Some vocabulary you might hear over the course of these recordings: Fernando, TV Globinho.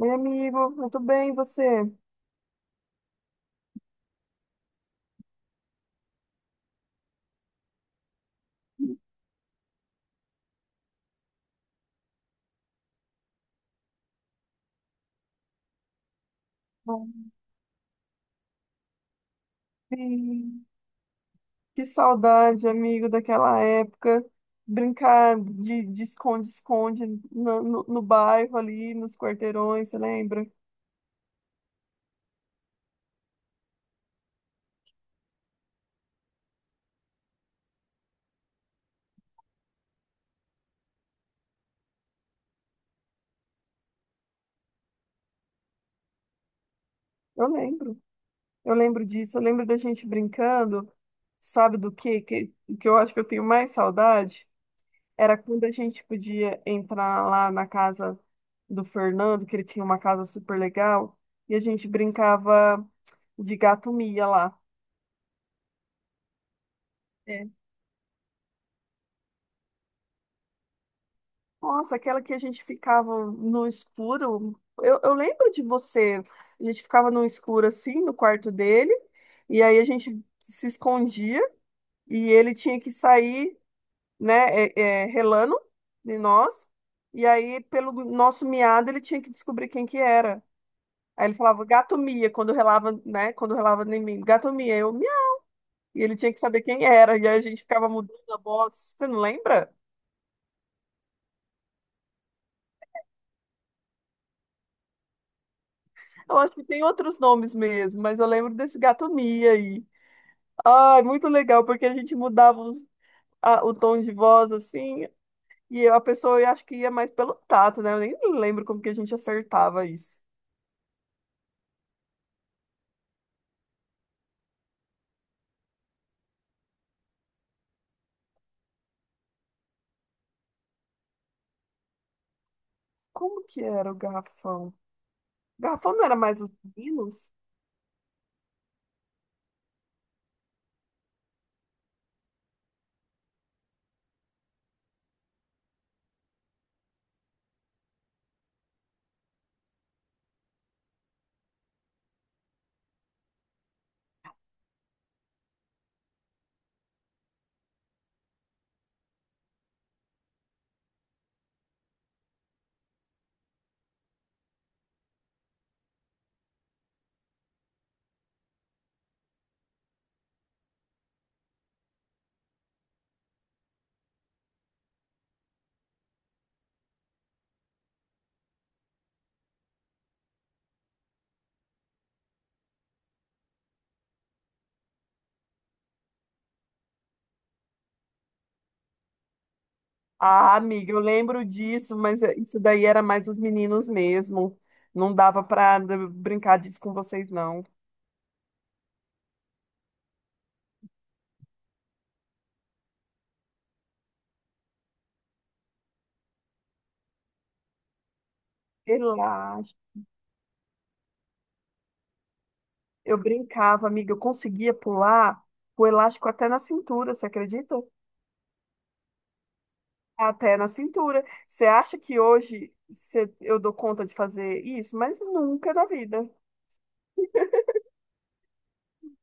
Oi, amigo, eu tô bem, e você? Bom. Sim. Que saudade, amigo, daquela época. Brincar de esconde-esconde no bairro ali, nos quarteirões, você lembra? Eu lembro, eu lembro disso, eu lembro da gente brincando, sabe do quê? Que eu acho que eu tenho mais saudade? Era quando a gente podia entrar lá na casa do Fernando, que ele tinha uma casa super legal, e a gente brincava de gato mia lá. É. Nossa, aquela que a gente ficava no escuro. Eu lembro de você. A gente ficava no escuro assim, no quarto dele, e aí a gente se escondia e ele tinha que sair, né, relando de nós. E aí, pelo nosso miado, ele tinha que descobrir quem que era. Aí ele falava, gato mia, quando relava, né? Quando relava em mim, gato mia, eu mia. E ele tinha que saber quem era, e aí a gente ficava mudando a voz. Você não lembra? Eu acho que tem outros nomes mesmo, mas eu lembro desse gato mia aí. Ai, muito legal, porque a gente mudava o tom de voz assim. E a pessoa eu acho que ia mais pelo tato, né? Eu nem lembro como que a gente acertava isso. Como que era o garrafão? Garrafão não era mais os meninos? Ah, amiga, eu lembro disso, mas isso daí era mais os meninos mesmo. Não dava pra brincar disso com vocês, não. Relaxa. Eu brincava, amiga, eu conseguia pular o elástico até na cintura, você acredita? Até na cintura. Você acha que hoje eu dou conta de fazer isso? Mas nunca na vida.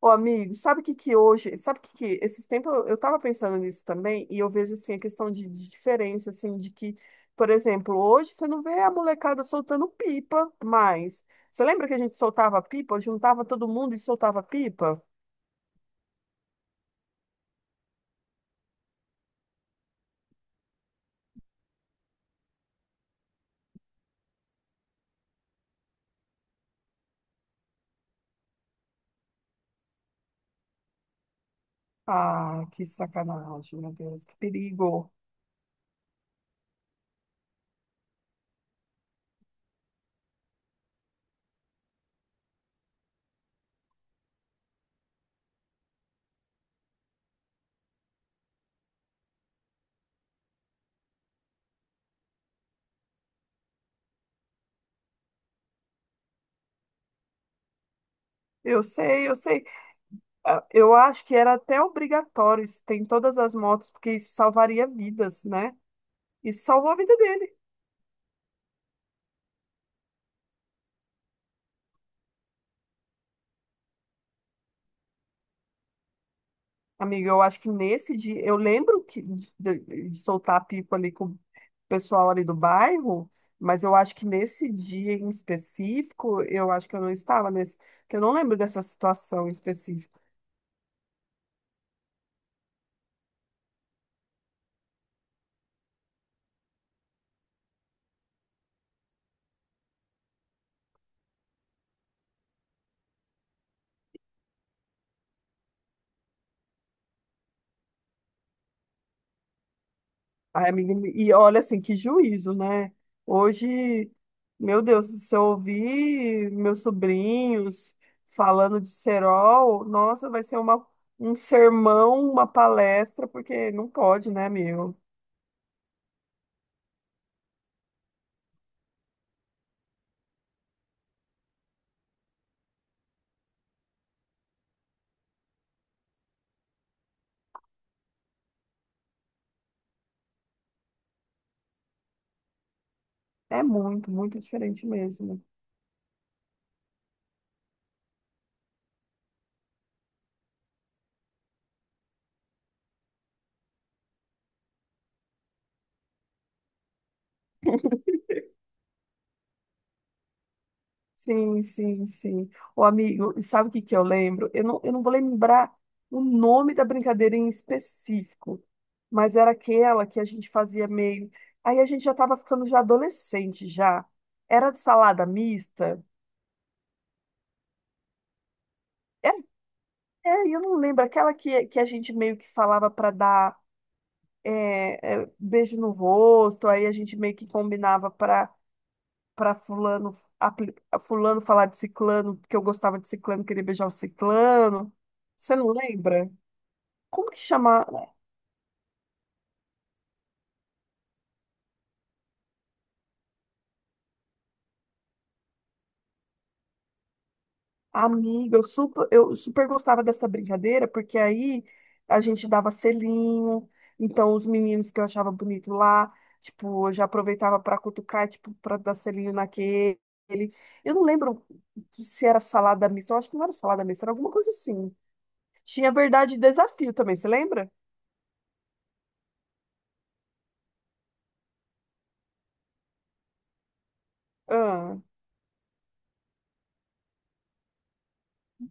Ô, amigo, sabe o que que hoje, sabe o que que, esses tempos eu tava pensando nisso também, e eu vejo, assim, a questão de diferença, assim, de que, por exemplo, hoje você não vê a molecada soltando pipa mais. Você lembra que a gente soltava pipa, juntava todo mundo e soltava pipa? Ah, que sacanagem, meu Deus, que perigo. Eu sei, eu sei. Ah, eu acho que era até obrigatório isso ter em todas as motos, porque isso salvaria vidas, né? Isso salvou a vida dele. Amiga, eu acho que nesse dia, eu lembro que de soltar a pipa ali com o pessoal ali do bairro, mas eu acho que nesse dia em específico, eu acho que eu não estava nesse, que eu não lembro dessa situação específica. Ai, amiga, e olha assim, que juízo, né? Hoje, meu Deus, se eu ouvir meus sobrinhos falando de cerol, nossa, vai ser uma, um sermão, uma palestra, porque não pode, né, meu? É muito, muito diferente mesmo. Sim, sim, sim. O amigo, e sabe o que que eu lembro? Eu não vou lembrar o nome da brincadeira em específico, mas era aquela que a gente fazia meio. Aí a gente já estava ficando já adolescente já. Era de salada mista? É, é, eu não lembro. Aquela que a gente meio que falava para dar beijo no rosto, aí a gente meio que combinava para fulano, fulano falar de ciclano, que eu gostava de ciclano, queria beijar o ciclano. Você não lembra? Como que chama a amiga? Eu super gostava dessa brincadeira, porque aí a gente dava selinho, então os meninos que eu achava bonito lá, tipo, eu já aproveitava para cutucar, tipo, para dar selinho naquele. Eu não lembro se era salada mista, eu acho que não era salada mista, era alguma coisa assim. Tinha verdade e desafio também, você lembra?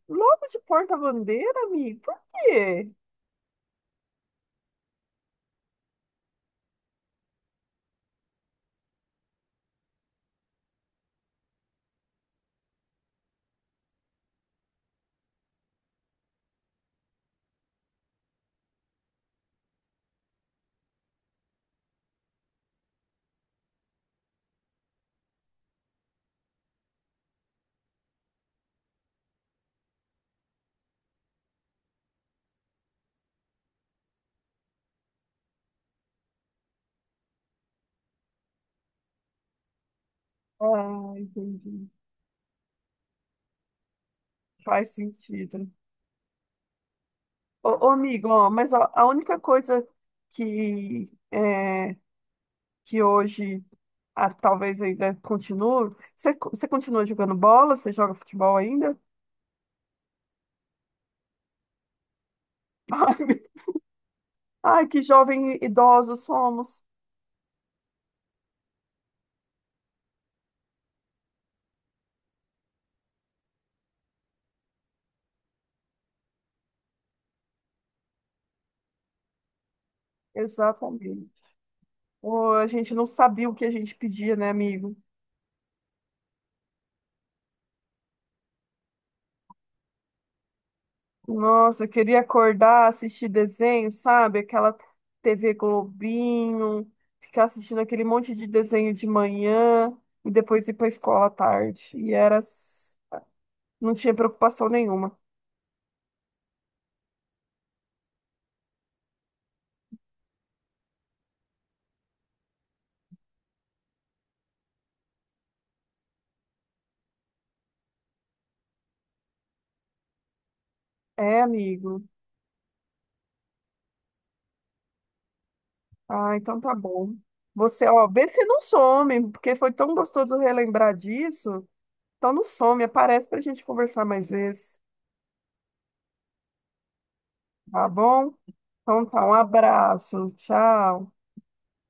Logo de porta-bandeira, amigo? Por quê? Ah, entendi. Faz sentido. Ô, ô, amigo, ó, mas ó, a única coisa que é, que hoje ah, talvez ainda continue. Você, você continua jogando bola? Você joga futebol ainda? Ai, ai, que jovem idosos somos. Exatamente. Ô, a gente não sabia o que a gente pedia, né, amigo? Nossa, eu queria acordar, assistir desenho, sabe? Aquela TV Globinho, ficar assistindo aquele monte de desenho de manhã e depois ir para a escola à tarde. E era, não tinha preocupação nenhuma. É, amigo, ah, então tá bom. Você, ó, vê se não some, porque foi tão gostoso relembrar disso. Então não some, aparece pra gente conversar mais vezes, tá bom? Então tá, um abraço, tchau.